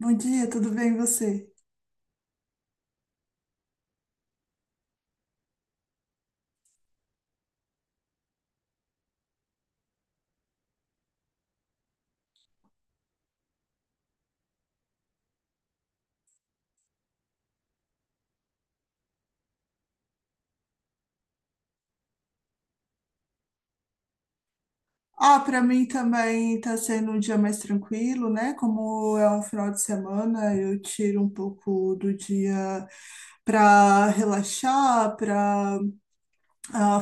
Bom dia, tudo bem e você? Ah, para mim também tá sendo um dia mais tranquilo, né? Como é um final de semana, eu tiro um pouco do dia para relaxar, para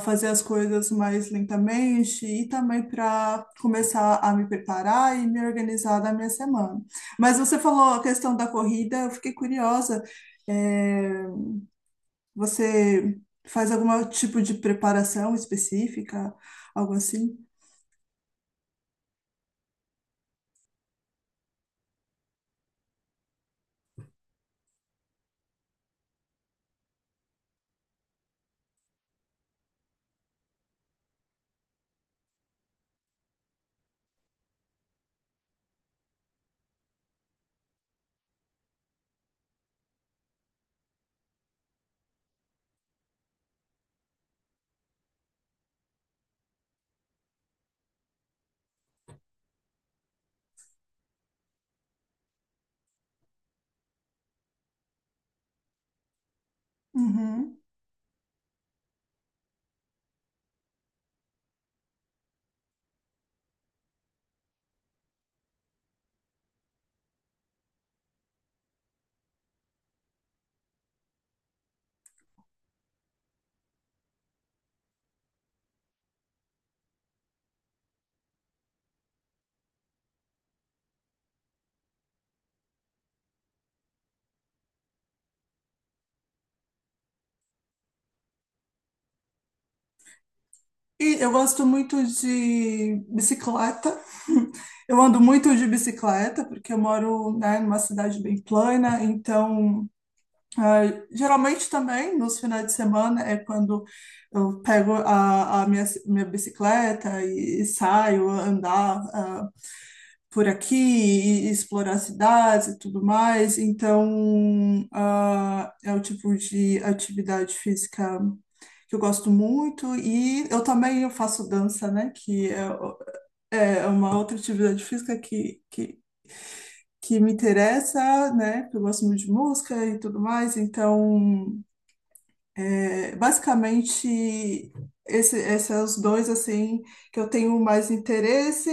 fazer as coisas mais lentamente e também para começar a me preparar e me organizar da minha semana. Mas você falou a questão da corrida, eu fiquei curiosa. É, você faz algum tipo de preparação específica, algo assim? Uhum. E eu gosto muito de bicicleta. Eu ando muito de bicicleta, porque eu moro, né, numa cidade bem plana, então, ah, geralmente também nos finais de semana é quando eu pego a minha bicicleta e saio andar. Por aqui e, explorar cidades e tudo mais. Então, é o tipo de atividade física que eu gosto muito e eu também eu faço dança, né? Que é, é uma outra atividade física que me interessa, né? Que eu gosto muito de música e tudo mais. Então é, basicamente, esses são os dois assim que eu tenho mais interesse,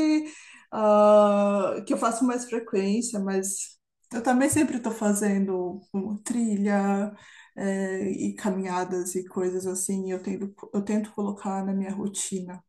que eu faço mais frequência, mas eu também sempre estou fazendo um, trilha, é, e caminhadas e coisas assim, eu tento colocar na minha rotina.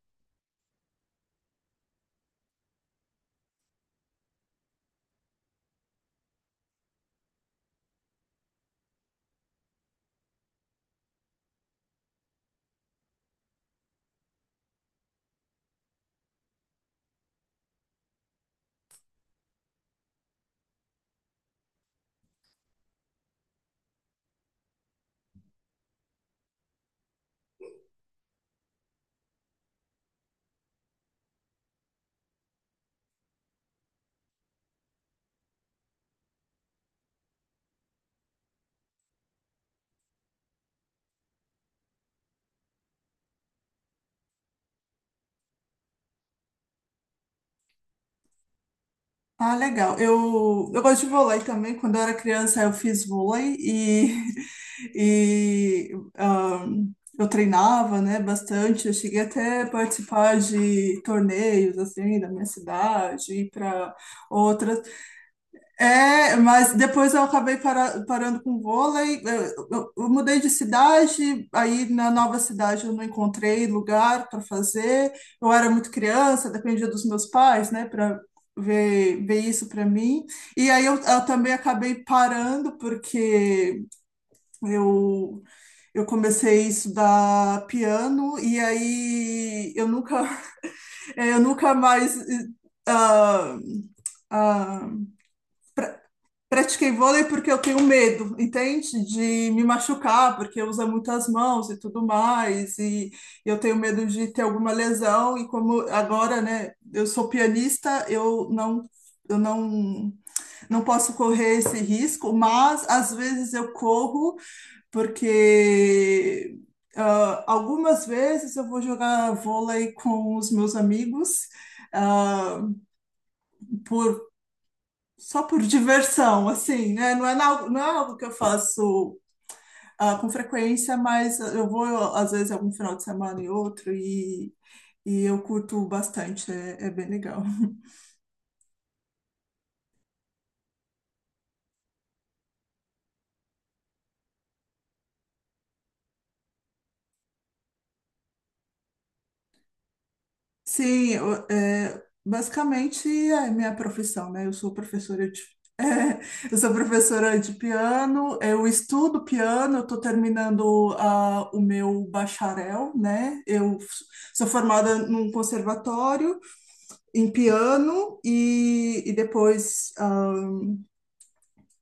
Ah, legal. Eu gosto de vôlei também. Quando eu era criança, eu fiz vôlei e, e ahn, eu treinava, né, bastante. Eu cheguei até a participar de torneios, assim, da minha cidade, ir para outras. É, mas depois eu acabei parando com vôlei. Eu mudei de cidade, aí na nova cidade eu não encontrei lugar para fazer. Eu era muito criança, dependia dos meus pais, né, para ver isso para mim. E aí eu também acabei parando porque eu eu comecei a estudar piano e aí eu nunca eu nunca mais ah, ah, pratiquei vôlei porque eu tenho medo, entende? De me machucar, porque usa muitas mãos e tudo mais, e eu tenho medo de ter alguma lesão, e como agora, né, eu sou pianista, eu não, não posso correr esse risco, mas às vezes eu corro porque algumas vezes eu vou jogar vôlei com os meus amigos ah, por só por diversão, assim, né? Não é, não é algo que eu faço com frequência, mas eu vou, às vezes, algum final de semana e outro, e eu curto bastante, é, é bem legal. Sim, é, basicamente é minha profissão, né? Eu sou professora de, é, eu sou professora de piano, eu estudo piano, eu estou terminando o meu bacharel, né? Eu sou formada num conservatório em piano e depois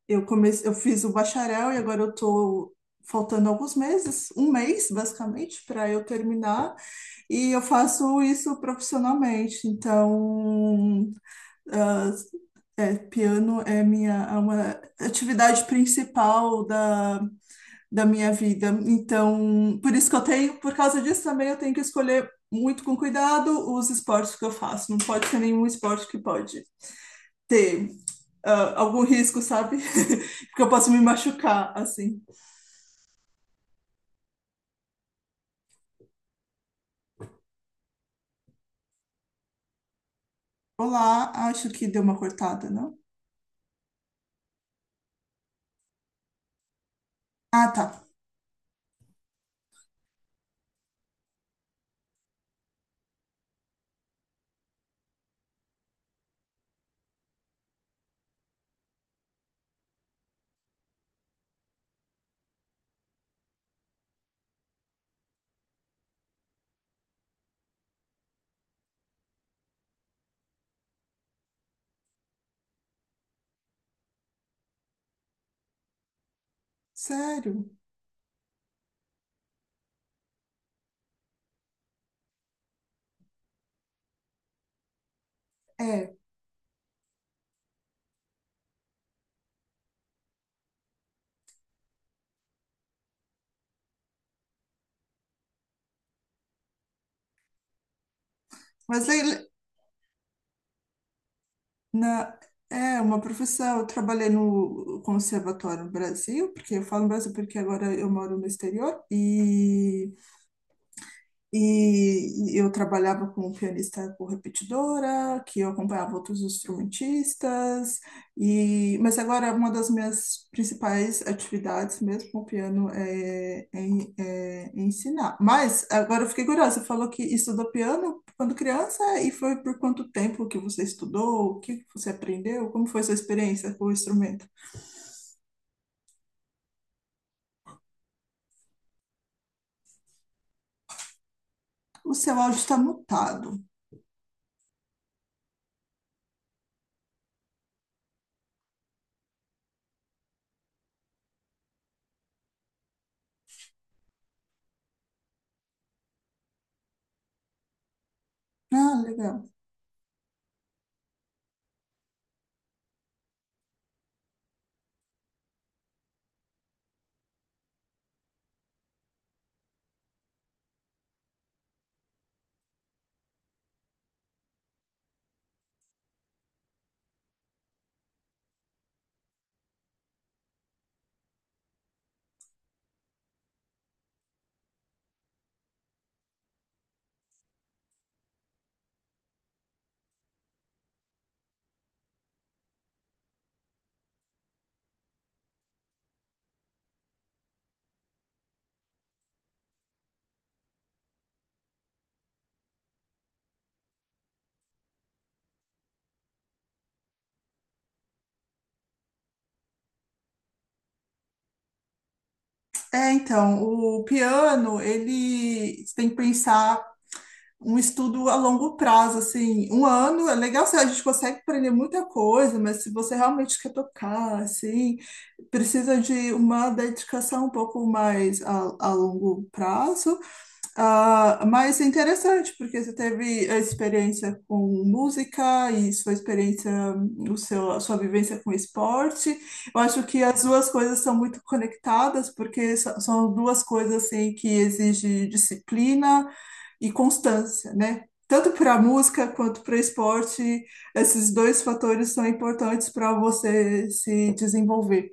eu comecei, eu fiz o bacharel e agora eu tô faltando alguns meses, um mês basicamente, para eu terminar, e eu faço isso profissionalmente. Então, ah, piano é minha é uma atividade principal da minha vida. Então, por isso que eu tenho, por causa disso também eu tenho que escolher muito com cuidado os esportes que eu faço. Não pode ser nenhum esporte que pode ter algum risco, sabe? Porque eu posso me machucar, assim. Olá, acho que deu uma cortada, não? Ah, tá. Sério? É. Mas aí, na, é uma profissão. Eu trabalhei no conservatório no Brasil, porque eu falo no Brasil porque agora eu moro no exterior. E eu trabalhava como pianista por repetidora, que eu acompanhava outros instrumentistas, e mas agora uma das minhas principais atividades mesmo com o piano é ensinar. Mas agora eu fiquei curiosa, você falou que estudou piano quando criança e foi por quanto tempo que você estudou, o que que você aprendeu, como foi sua experiência com o instrumento? O seu áudio está mutado. Ah, legal. É, então, o piano, ele você tem que pensar um estudo a longo prazo, assim, um ano é legal, assim, a gente consegue aprender muita coisa, mas se você realmente quer tocar, assim, precisa de uma dedicação um pouco mais a longo prazo, mas é interessante, porque você teve a experiência com música e sua experiência, a sua vivência com esporte. Eu acho que as duas coisas são muito conectadas, porque são duas coisas assim, que exigem disciplina e constância, né? Tanto para a música quanto para o esporte, esses dois fatores são importantes para você se desenvolver.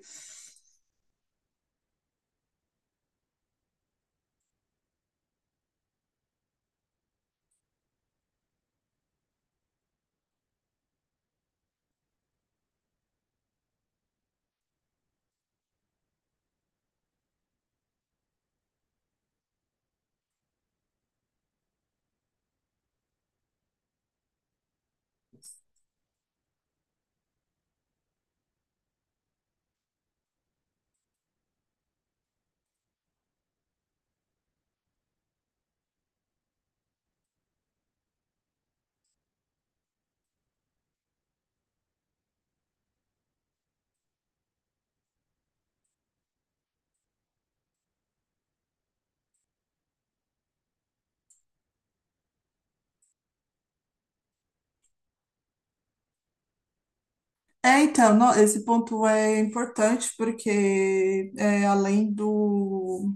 É, então, esse ponto é importante porque é,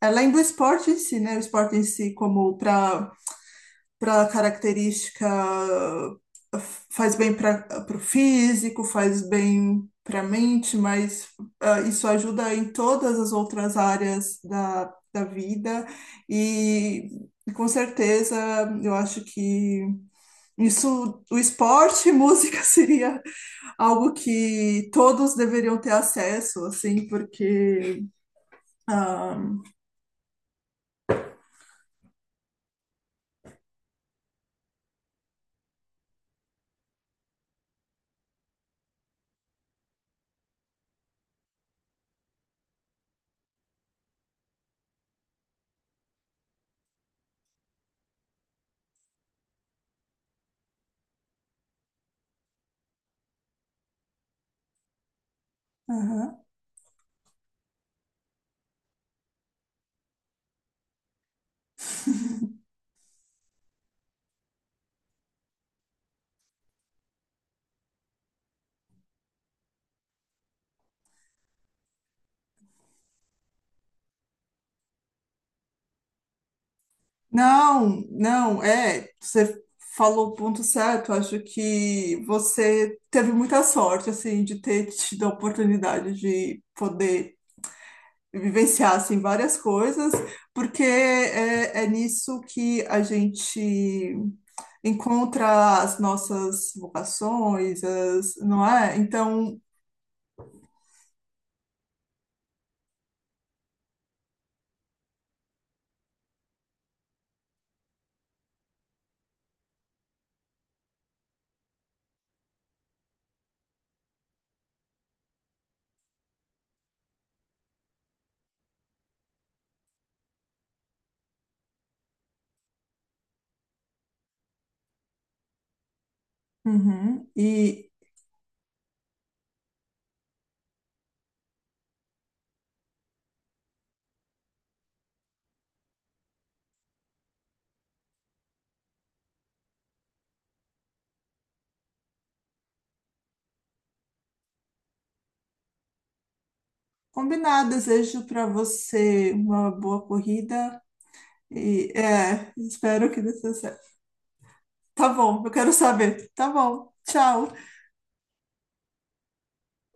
além do esporte em si, né? O esporte em si como para característica faz bem para o físico, faz bem para a mente, mas isso ajuda em todas as outras áreas da vida e com certeza eu acho que isso, o esporte e música seria algo que todos deveriam ter acesso, assim, porque. Aham. Não, não, é, você falou o ponto certo. Acho que você teve muita sorte, assim, de ter tido a oportunidade de poder vivenciar, assim, várias coisas, porque é, é nisso que a gente encontra as nossas vocações, as, não é? Então, uhum, e combinado, desejo para você uma boa corrida e é, espero que dê tudo certo. Tá bom, eu quero saber. Tá bom, tchau.